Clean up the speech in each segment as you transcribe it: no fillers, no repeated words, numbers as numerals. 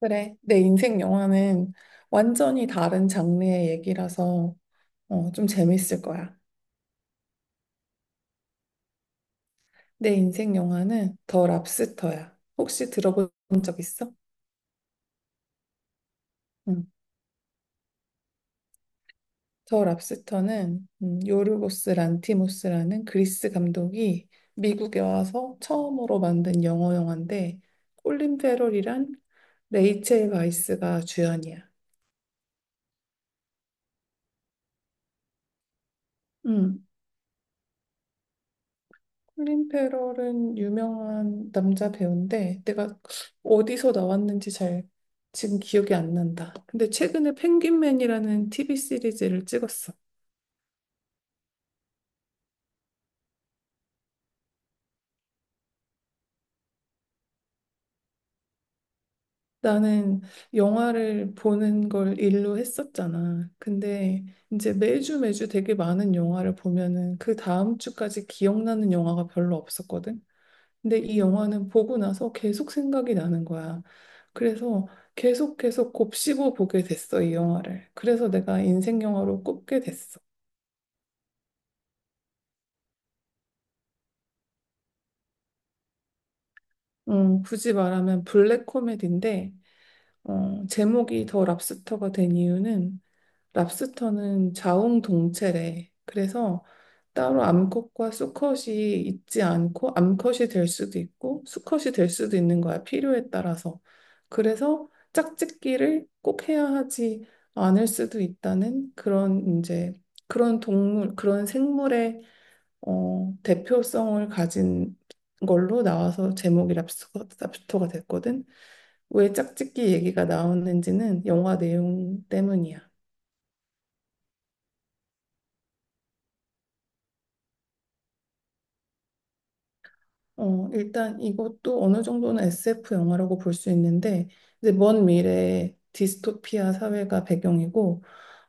그래, 내 인생 영화는 완전히 다른 장르의 얘기라서 좀 재밌을 거야. 내 인생 영화는 더 랍스터야. 혹시 들어본 적 있어? 응. 더 랍스터는 요르고스 란티모스라는 그리스 감독이 미국에 와서 처음으로 만든 영어 영화인데 콜린 페럴이랑 레이첼 바이스가 주연이야. 음, 클린 페럴은 유명한 남자 배우인데 내가 어디서 나왔는지 잘 지금 기억이 안 난다. 근데 최근에 펭귄맨이라는 TV 시리즈를 찍었어. 나는 영화를 보는 걸 일로 했었잖아. 근데 이제 매주 되게 많은 영화를 보면은 그 다음 주까지 기억나는 영화가 별로 없었거든. 근데 이 영화는 보고 나서 계속 생각이 나는 거야. 그래서 계속 곱씹어 보게 됐어, 이 영화를. 그래서 내가 인생 영화로 꼽게 됐어. 굳이 말하면 블랙 코미디인데, 제목이 더 랍스터가 된 이유는 랍스터는 자웅동체래. 그래서 따로 암컷과 수컷이 있지 않고 암컷이 될 수도 있고 수컷이 될 수도 있는 거야. 필요에 따라서. 그래서 짝짓기를 꼭 해야 하지 않을 수도 있다는 그런 이제 그런 동물, 그런 생물의 대표성을 가진 걸로 나와서 제목이 랍스터가 됐거든. 왜 짝짓기 얘기가 나오는지는 영화 내용 때문이야. 일단 이것도 어느 정도는 SF 영화라고 볼 수 있는데, 이제 먼 미래에 디스토피아 사회가 배경이고,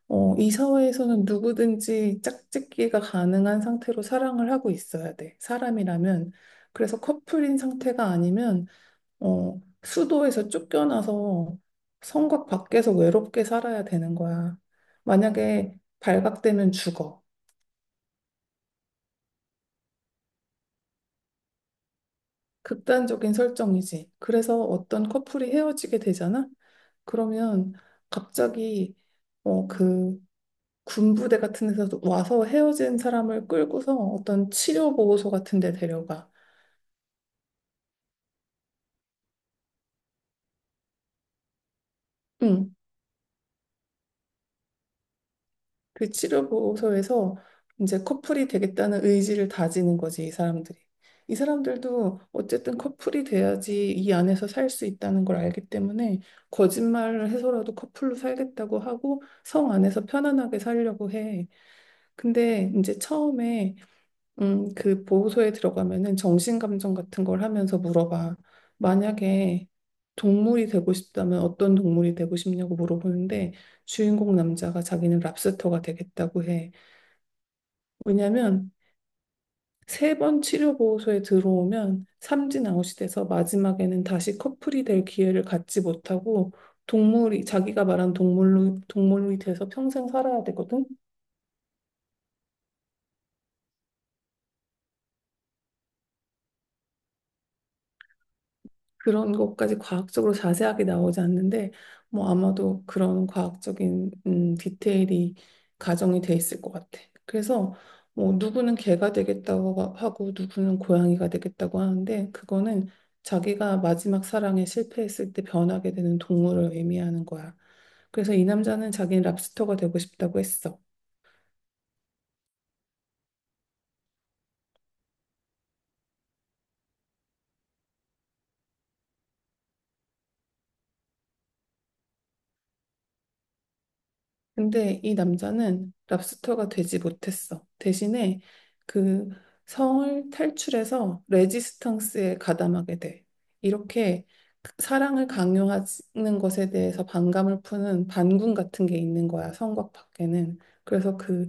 이 사회에서는 누구든지 짝짓기가 가능한 상태로 사랑을 하고 있어야 돼. 사람이라면. 그래서 커플인 상태가 아니면, 수도에서 쫓겨나서 성곽 밖에서 외롭게 살아야 되는 거야. 만약에 발각되면 죽어. 극단적인 설정이지. 그래서 어떤 커플이 헤어지게 되잖아? 그러면 갑자기 어, 그 군부대 같은 데서 와서 헤어진 사람을 끌고서 어떤 치료보호소 같은 데 데려가. 응. 그 치료보호소에서 이제 커플이 되겠다는 의지를 다지는 거지, 이 사람들이. 이 사람들도 어쨌든 커플이 돼야지 이 안에서 살 수 있다는 걸 알기 때문에 거짓말을 해서라도 커플로 살겠다고 하고 성 안에서 편안하게 살려고 해. 근데 이제 처음에 그 보호소에 들어가면은 정신감정 같은 걸 하면서 물어봐. 만약에 동물이 되고 싶다면 어떤 동물이 되고 싶냐고 물어보는데 주인공 남자가 자기는 랍스터가 되겠다고 해. 왜냐면 세 번 치료 보호소에 들어오면 삼진 아웃이 돼서 마지막에는 다시 커플이 될 기회를 갖지 못하고 동물이 자기가 말한 동물로 동물이 돼서 평생 살아야 되거든. 그런 것까지 과학적으로 자세하게 나오지 않는데 뭐 아마도 그런 과학적인 디테일이 가정이 돼 있을 것 같아. 그래서 뭐 누구는 개가 되겠다고 하고 누구는 고양이가 되겠다고 하는데 그거는 자기가 마지막 사랑에 실패했을 때 변하게 되는 동물을 의미하는 거야. 그래서 이 남자는 자기는 랍스터가 되고 싶다고 했어. 근데 이 남자는 랍스터가 되지 못했어. 대신에 그 성을 탈출해서 레지스탕스에 가담하게 돼. 이렇게 사랑을 강요하는 것에 대해서 반감을 푸는 반군 같은 게 있는 거야, 성곽 밖에는. 그래서 그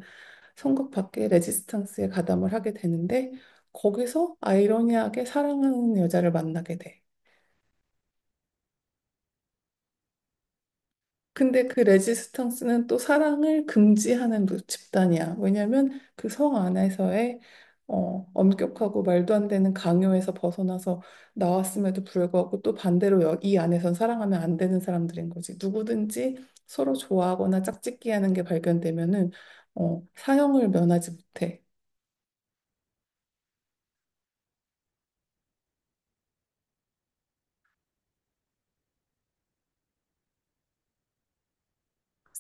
성곽 밖에 레지스탕스에 가담을 하게 되는데 거기서 아이러니하게 사랑하는 여자를 만나게 돼. 근데 그 레지스탕스는 또 사랑을 금지하는 집단이야. 왜냐하면 그 성 안에서의 엄격하고 말도 안 되는 강요에서 벗어나서 나왔음에도 불구하고 또 반대로 이 안에선 사랑하면 안 되는 사람들인 거지. 누구든지 서로 좋아하거나 짝짓기하는 게 발견되면은 사형을 면하지 못해.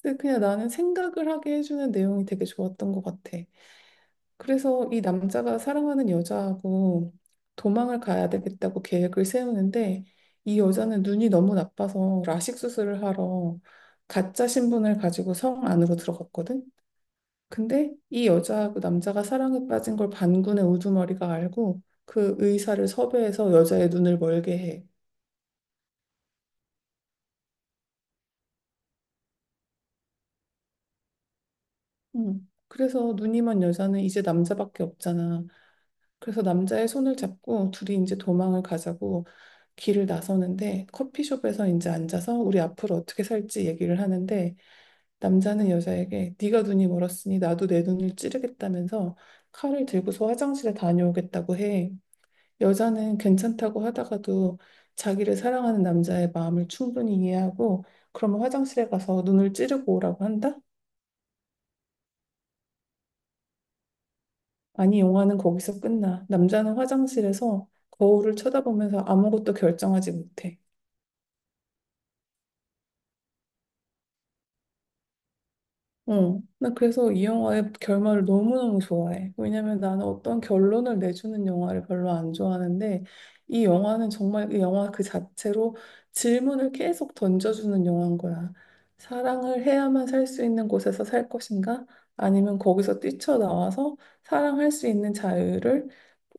근데 그냥 나는 생각을 하게 해주는 내용이 되게 좋았던 것 같아. 그래서 이 남자가 사랑하는 여자하고 도망을 가야 되겠다고 계획을 세우는데 이 여자는 눈이 너무 나빠서 라식 수술을 하러 가짜 신분을 가지고 성 안으로 들어갔거든. 근데 이 여자하고 남자가 사랑에 빠진 걸 반군의 우두머리가 알고 그 의사를 섭외해서 여자의 눈을 멀게 해. 음. 그래서 눈이 먼 여자는 이제 남자밖에 없잖아. 그래서 남자의 손을 잡고 둘이 이제 도망을 가자고 길을 나서는데 커피숍에서 이제 앉아서 우리 앞으로 어떻게 살지 얘기를 하는데 남자는 여자에게 네가 눈이 멀었으니 나도 내 눈을 찌르겠다면서 칼을 들고서 화장실에 다녀오겠다고 해. 여자는 괜찮다고 하다가도 자기를 사랑하는 남자의 마음을 충분히 이해하고 그러면 화장실에 가서 눈을 찌르고 오라고 한다? 아니, 영화는 거기서 끝나. 남자는 화장실에서 거울을 쳐다보면서 아무것도 결정하지 못해. 나 그래서 이 영화의 결말을 너무너무 좋아해. 왜냐면 나는 어떤 결론을 내주는 영화를 별로 안 좋아하는데, 이 영화는 정말 그 영화 그 자체로 질문을 계속 던져주는 영화인 거야. 사랑을 해야만 살 수 있는 곳에서 살 것인가? 아니면 거기서 뛰쳐나와서 사랑할 수 있는 자유를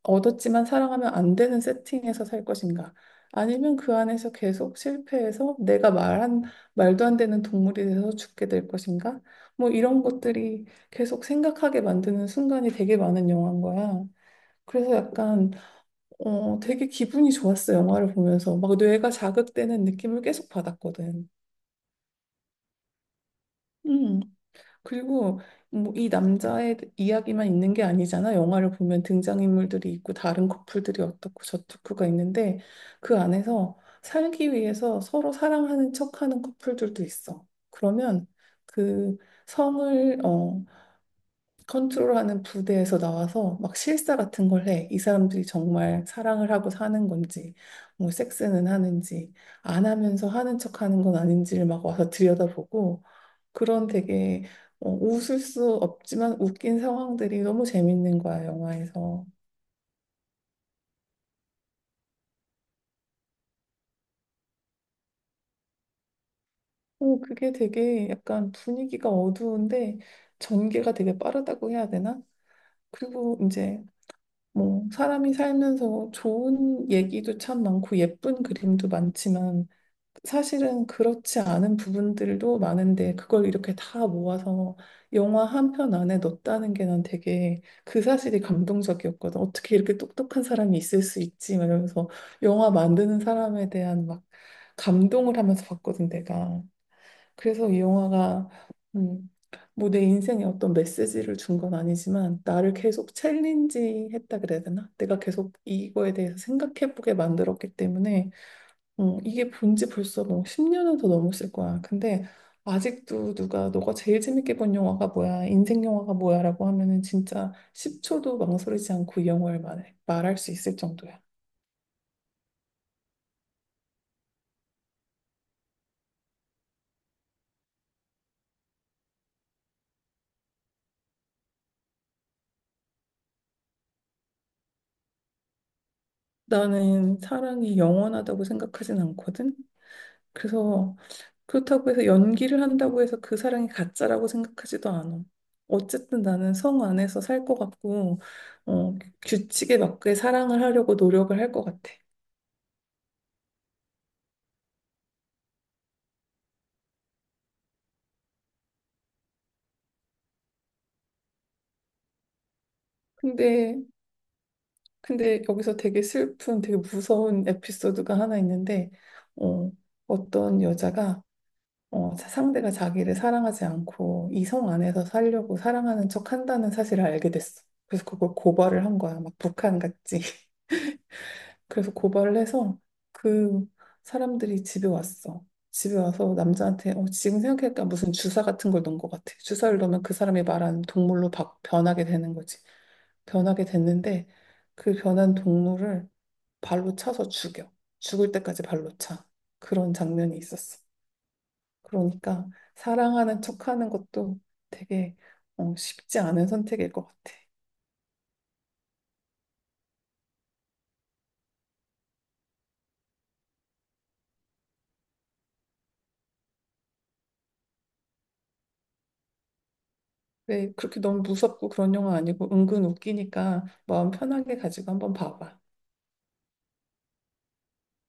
얻었지만 사랑하면 안 되는 세팅에서 살 것인가? 아니면 그 안에서 계속 실패해서 내가 말한, 말도 안 되는 동물이 돼서 죽게 될 것인가? 뭐 이런 것들이 계속 생각하게 만드는 순간이 되게 많은 영화인 거야. 그래서 약간, 되게 기분이 좋았어, 영화를 보면서. 막 뇌가 자극되는 느낌을 계속 받았거든. 음. 그리고 뭐 이 남자의 이야기만 있는 게 아니잖아. 영화를 보면 등장인물들이 있고 다른 커플들이 어떻고 저떻고가 있는데 그 안에서 살기 위해서 서로 사랑하는 척하는 커플들도 있어. 그러면 그 성을 컨트롤하는 부대에서 나와서 막 실사 같은 걸 해. 이 사람들이 정말 사랑을 하고 사는 건지, 뭐 섹스는 하는지, 안 하면서 하는 척하는 건 아닌지를 막 와서 들여다보고. 그런 되게 웃을 수 없지만 웃긴 상황들이 너무 재밌는 거야, 영화에서. 오, 그게 되게 약간 분위기가 어두운데 전개가 되게 빠르다고 해야 되나? 그리고 이제 뭐 사람이 살면서 좋은 얘기도 참 많고 예쁜 그림도 많지만 사실은 그렇지 않은 부분들도 많은데 그걸 이렇게 다 모아서 영화 한 편 안에 넣었다는 게 난 되게 그 사실이 감동적이었거든. 어떻게 이렇게 똑똑한 사람이 있을 수 있지? 막 이러면서 영화 만드는 사람에 대한 막 감동을 하면서 봤거든, 내가. 그래서 이 영화가 음, 뭐 내 인생에 어떤 메시지를 준 건 아니지만 나를 계속 챌린지 했다 그래야 되나? 내가 계속 이거에 대해서 생각해보게 만들었기 때문에 이게 본지 벌써 뭐 10년은 더 넘었을 거야. 근데 아직도 누가 너가 제일 재밌게 본 영화가 뭐야? 인생 영화가 뭐야? 라고 하면은 진짜 10초도 망설이지 않고 이 영화를 말해, 말할 수 있을 정도야. 나는 사랑이 영원하다고 생각하진 않거든. 그래서 그렇다고 해서 연기를 한다고 해서 그 사랑이 가짜라고 생각하지도 않아. 어쨌든 나는 성 안에서 살 것 같고, 어, 규칙에 맞게 사랑을 하려고 노력을 할 것 같아. 근데 근데 여기서 되게 슬픈, 되게 무서운 에피소드가 하나 있는데, 어, 어떤 여자가 상대가 자기를 사랑하지 않고 이성 안에서 살려고 사랑하는 척 한다는 사실을 알게 됐어. 그래서 그걸 고발을 한 거야. 막 북한 같이. 그래서 고발을 해서 그 사람들이 집에 왔어. 집에 와서 남자한테 지금 생각해보니까 무슨 주사 같은 걸 넣은 것 같아. 주사를 넣으면 그 사람이 말하는 동물로 변하게 되는 거지. 변하게 됐는데 그 변한 동물을 발로 차서 죽여. 죽을 때까지 발로 차. 그런 장면이 있었어. 그러니까 사랑하는 척하는 것도 되게 쉽지 않은 선택일 것 같아. 네, 그렇게 너무 무섭고 그런 영화 아니고 은근 웃기니까 마음 편하게 가지고 한번 봐봐.